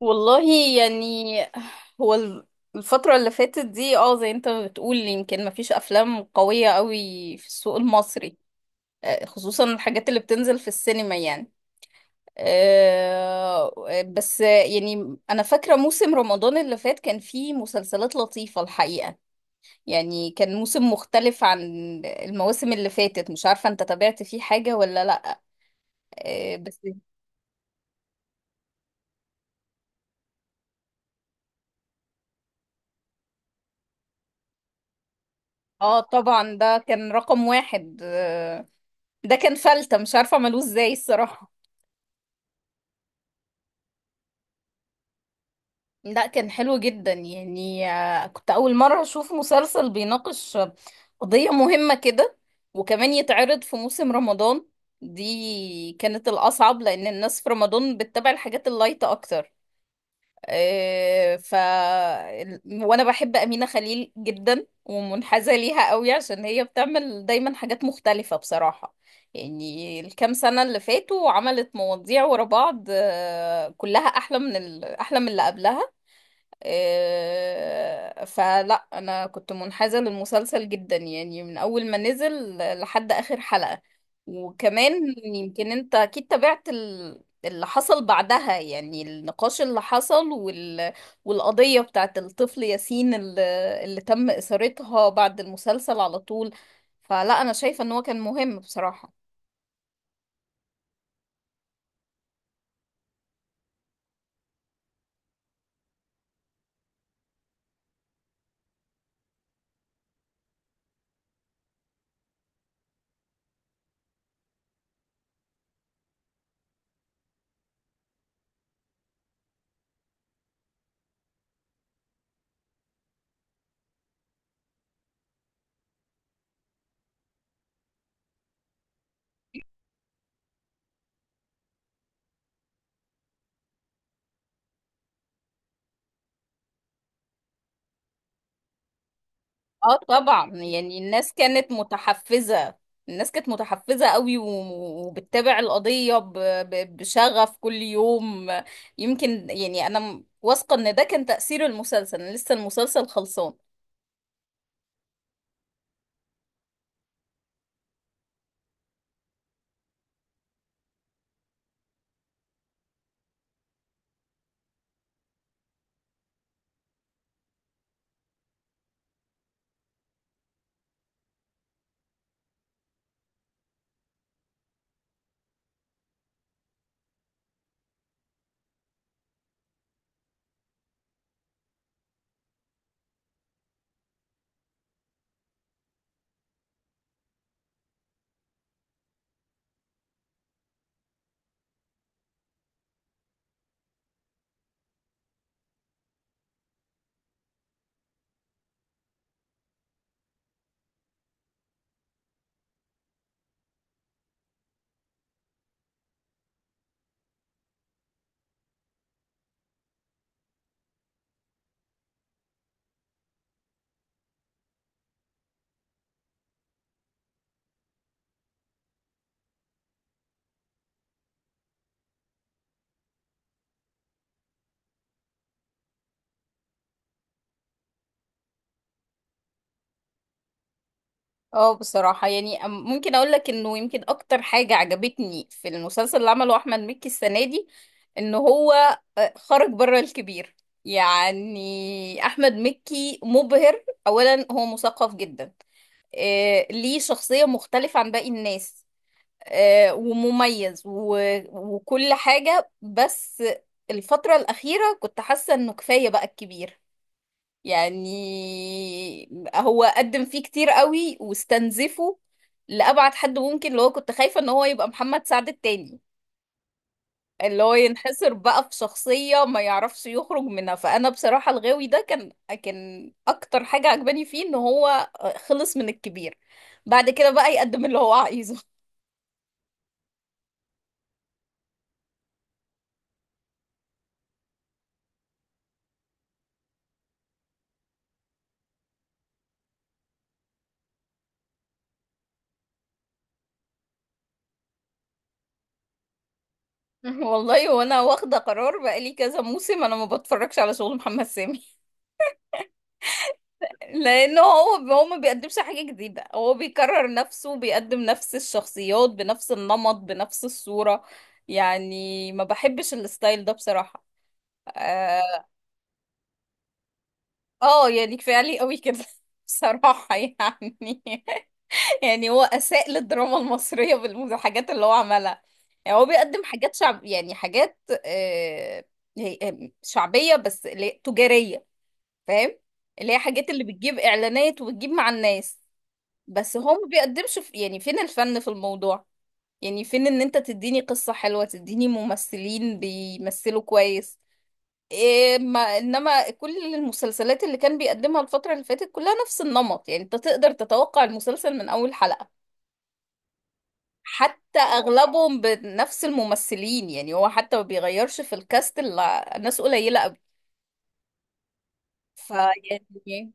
والله يعني هو ال- الفترة اللي فاتت دي، اه زي انت بتقول، يمكن مفيش أفلام قوية قوي في السوق المصري. خصوصا الحاجات اللي بتنزل في السينما يعني. آه، بس يعني أنا فاكرة موسم رمضان اللي فات كان فيه مسلسلات لطيفة الحقيقة. يعني كان موسم مختلف عن المواسم اللي فاتت. مش عارفة انت تابعت فيه حاجة ولا لأ. آه، بس اه طبعا ده كان رقم واحد. ده كان فلتة، مش عارفة عملوه ازاي الصراحة. لا كان حلو جدا يعني. كنت أول مرة أشوف مسلسل بيناقش قضية مهمة كده، وكمان يتعرض في موسم رمضان. دي كانت الأصعب، لأن الناس في رمضان بتتابع الحاجات اللايتة أكتر. وانا بحب أمينة خليل جدا ومنحازة ليها قوي، عشان هي بتعمل دايما حاجات مختلفة بصراحة. يعني الكام سنة اللي فاتوا عملت مواضيع ورا بعض، كلها أحلى من أحلى من اللي قبلها. آه، فلا انا كنت منحازة للمسلسل جدا، يعني من اول ما نزل لحد اخر حلقة. وكمان يمكن انت اكيد تابعت اللي حصل بعدها، يعني النقاش اللي حصل والقضية بتاعت الطفل ياسين اللي تم إثارتها بعد المسلسل على طول. فلا انا شايفة ان هو كان مهم بصراحة. اه طبعا، يعني الناس كانت متحفزة قوي وبتتابع القضية بشغف كل يوم. يمكن يعني واثقة ان ده كان تأثير المسلسل. أنا لسه المسلسل خلصان. اه بصراحة يعني ممكن اقول لك انه يمكن اكتر حاجة عجبتني في المسلسل اللي عمله احمد مكي السنة دي ان هو خرج بره الكبير. يعني احمد مكي مبهر، اولا هو مثقف جدا، ليه شخصية مختلفة عن باقي الناس، ومميز وكل حاجة. بس الفترة الأخيرة كنت حاسة إنه كفاية بقى الكبير. يعني هو قدم فيه كتير قوي واستنزفه لأبعد حد ممكن. اللي هو كنت خايفة إن هو يبقى محمد سعد التاني، اللي هو ينحصر بقى في شخصية ما يعرفش يخرج منها. فأنا بصراحة الغاوي ده كان كان أكتر حاجة عجباني فيه إن هو خلص من الكبير، بعد كده بقى يقدم اللي هو عايزه. والله وانا واخده قرار بقالي كذا موسم، انا ما بتفرجش على شغل محمد سامي. لانه هو ما بيقدمش حاجه جديده، هو بيكرر نفسه، بيقدم نفس الشخصيات بنفس النمط بنفس الصوره. يعني ما بحبش الستايل ده بصراحه. آه، اه يعني كفايه عليه قوي كده. بصراحه يعني، يعني هو اساء للدراما المصريه بالحاجات اللي هو عملها. يعني هو بيقدم حاجات شعب، يعني حاجات، آه شعبيه بس اللي هي تجاريه، فاهم؟ اللي هي حاجات اللي بتجيب اعلانات وبتجيب مع الناس. بس هو ما بيقدمش في، يعني فين الفن في الموضوع؟ يعني فين ان انت تديني قصه حلوه، تديني ممثلين بيمثلوا كويس؟ إيه ما انما كل المسلسلات اللي كان بيقدمها الفترة اللي فاتت كلها نفس النمط. يعني انت تقدر تتوقع المسلسل من اول حلقة. حتى اغلبهم بنفس الممثلين، يعني هو حتى ما بيغيرش في الكاست الا ناس قليلة قوي. فيعني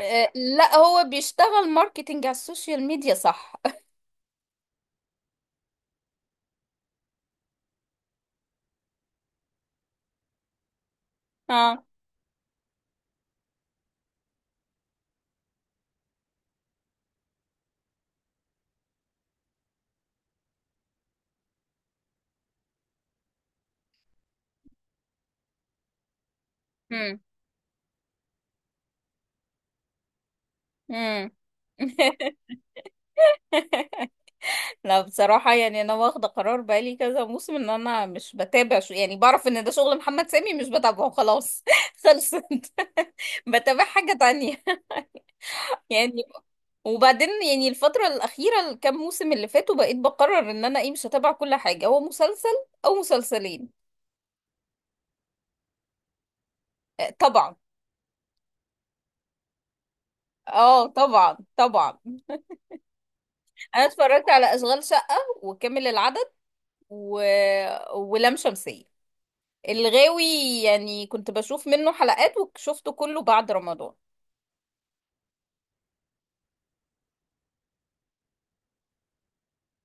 إيه، لا هو بيشتغل ماركتينج على السوشيال ميديا صح. اه. امم. امم. لا بصراحة يعني أنا واخدة قرار بقالي كذا موسم إن أنا مش بتابع شو. يعني بعرف إن ده شغل محمد سامي مش بتابعه خلاص. خلصت، بتابع حاجة تانية. يعني وبعدين يعني الفترة الأخيرة الكام موسم اللي فاتوا بقيت بقرر إن أنا إيه مش هتابع كل حاجة، هو مسلسل أو مسلسلين. آه، طبعا. اه طبعا طبعا. أنا اتفرجت على أشغال شقة، وكامل العدد، و... ولام شمسية، الغاوي. يعني كنت بشوف منه حلقات وشفته كله بعد رمضان.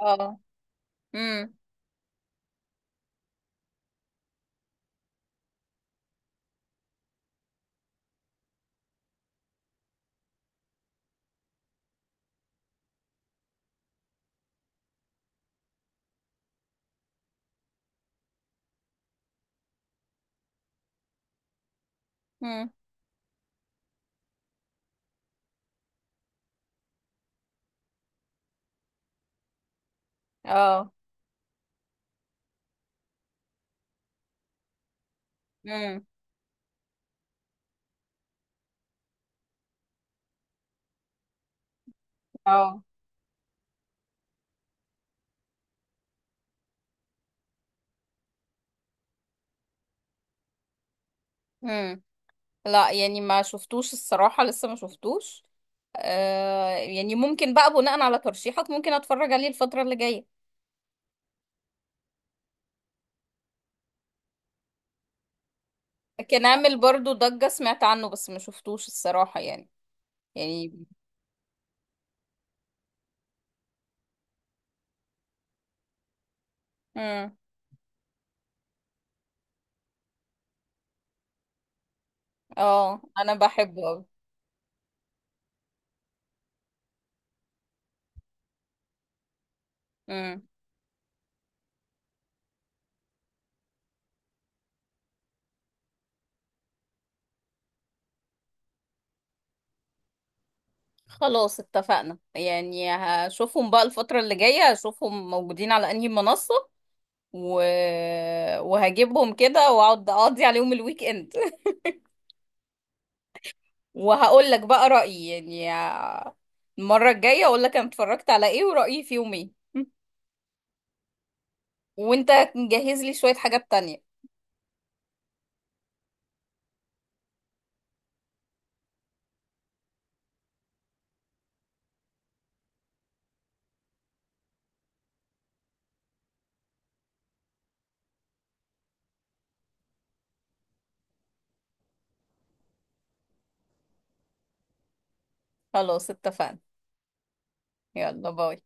اه. امم. امم. اه. امم. اه لا يعني ما شفتوش الصراحة، لسه ما شفتوش. آه يعني ممكن بقى بناء على ترشيحك ممكن اتفرج عليه الفترة اللي جاية. كان عامل برضو ضجة، سمعت عنه بس ما شفتوش الصراحة يعني. يعني. امم. اه انا بحبه اوي. امم. خلاص اتفقنا، يعني هشوفهم بقى الفترة اللي جاية، هشوفهم موجودين على انهي منصة و... وهجيبهم كده واقعد اقضي عليهم الويك اند. وهقول لك بقى رأيي، يعني المرة الجاية اقول لك انا اتفرجت على ايه ورأيي فيهم ايه. وانت جهز لي شوية حاجات تانية. خلاص اتفقنا، يلا باي.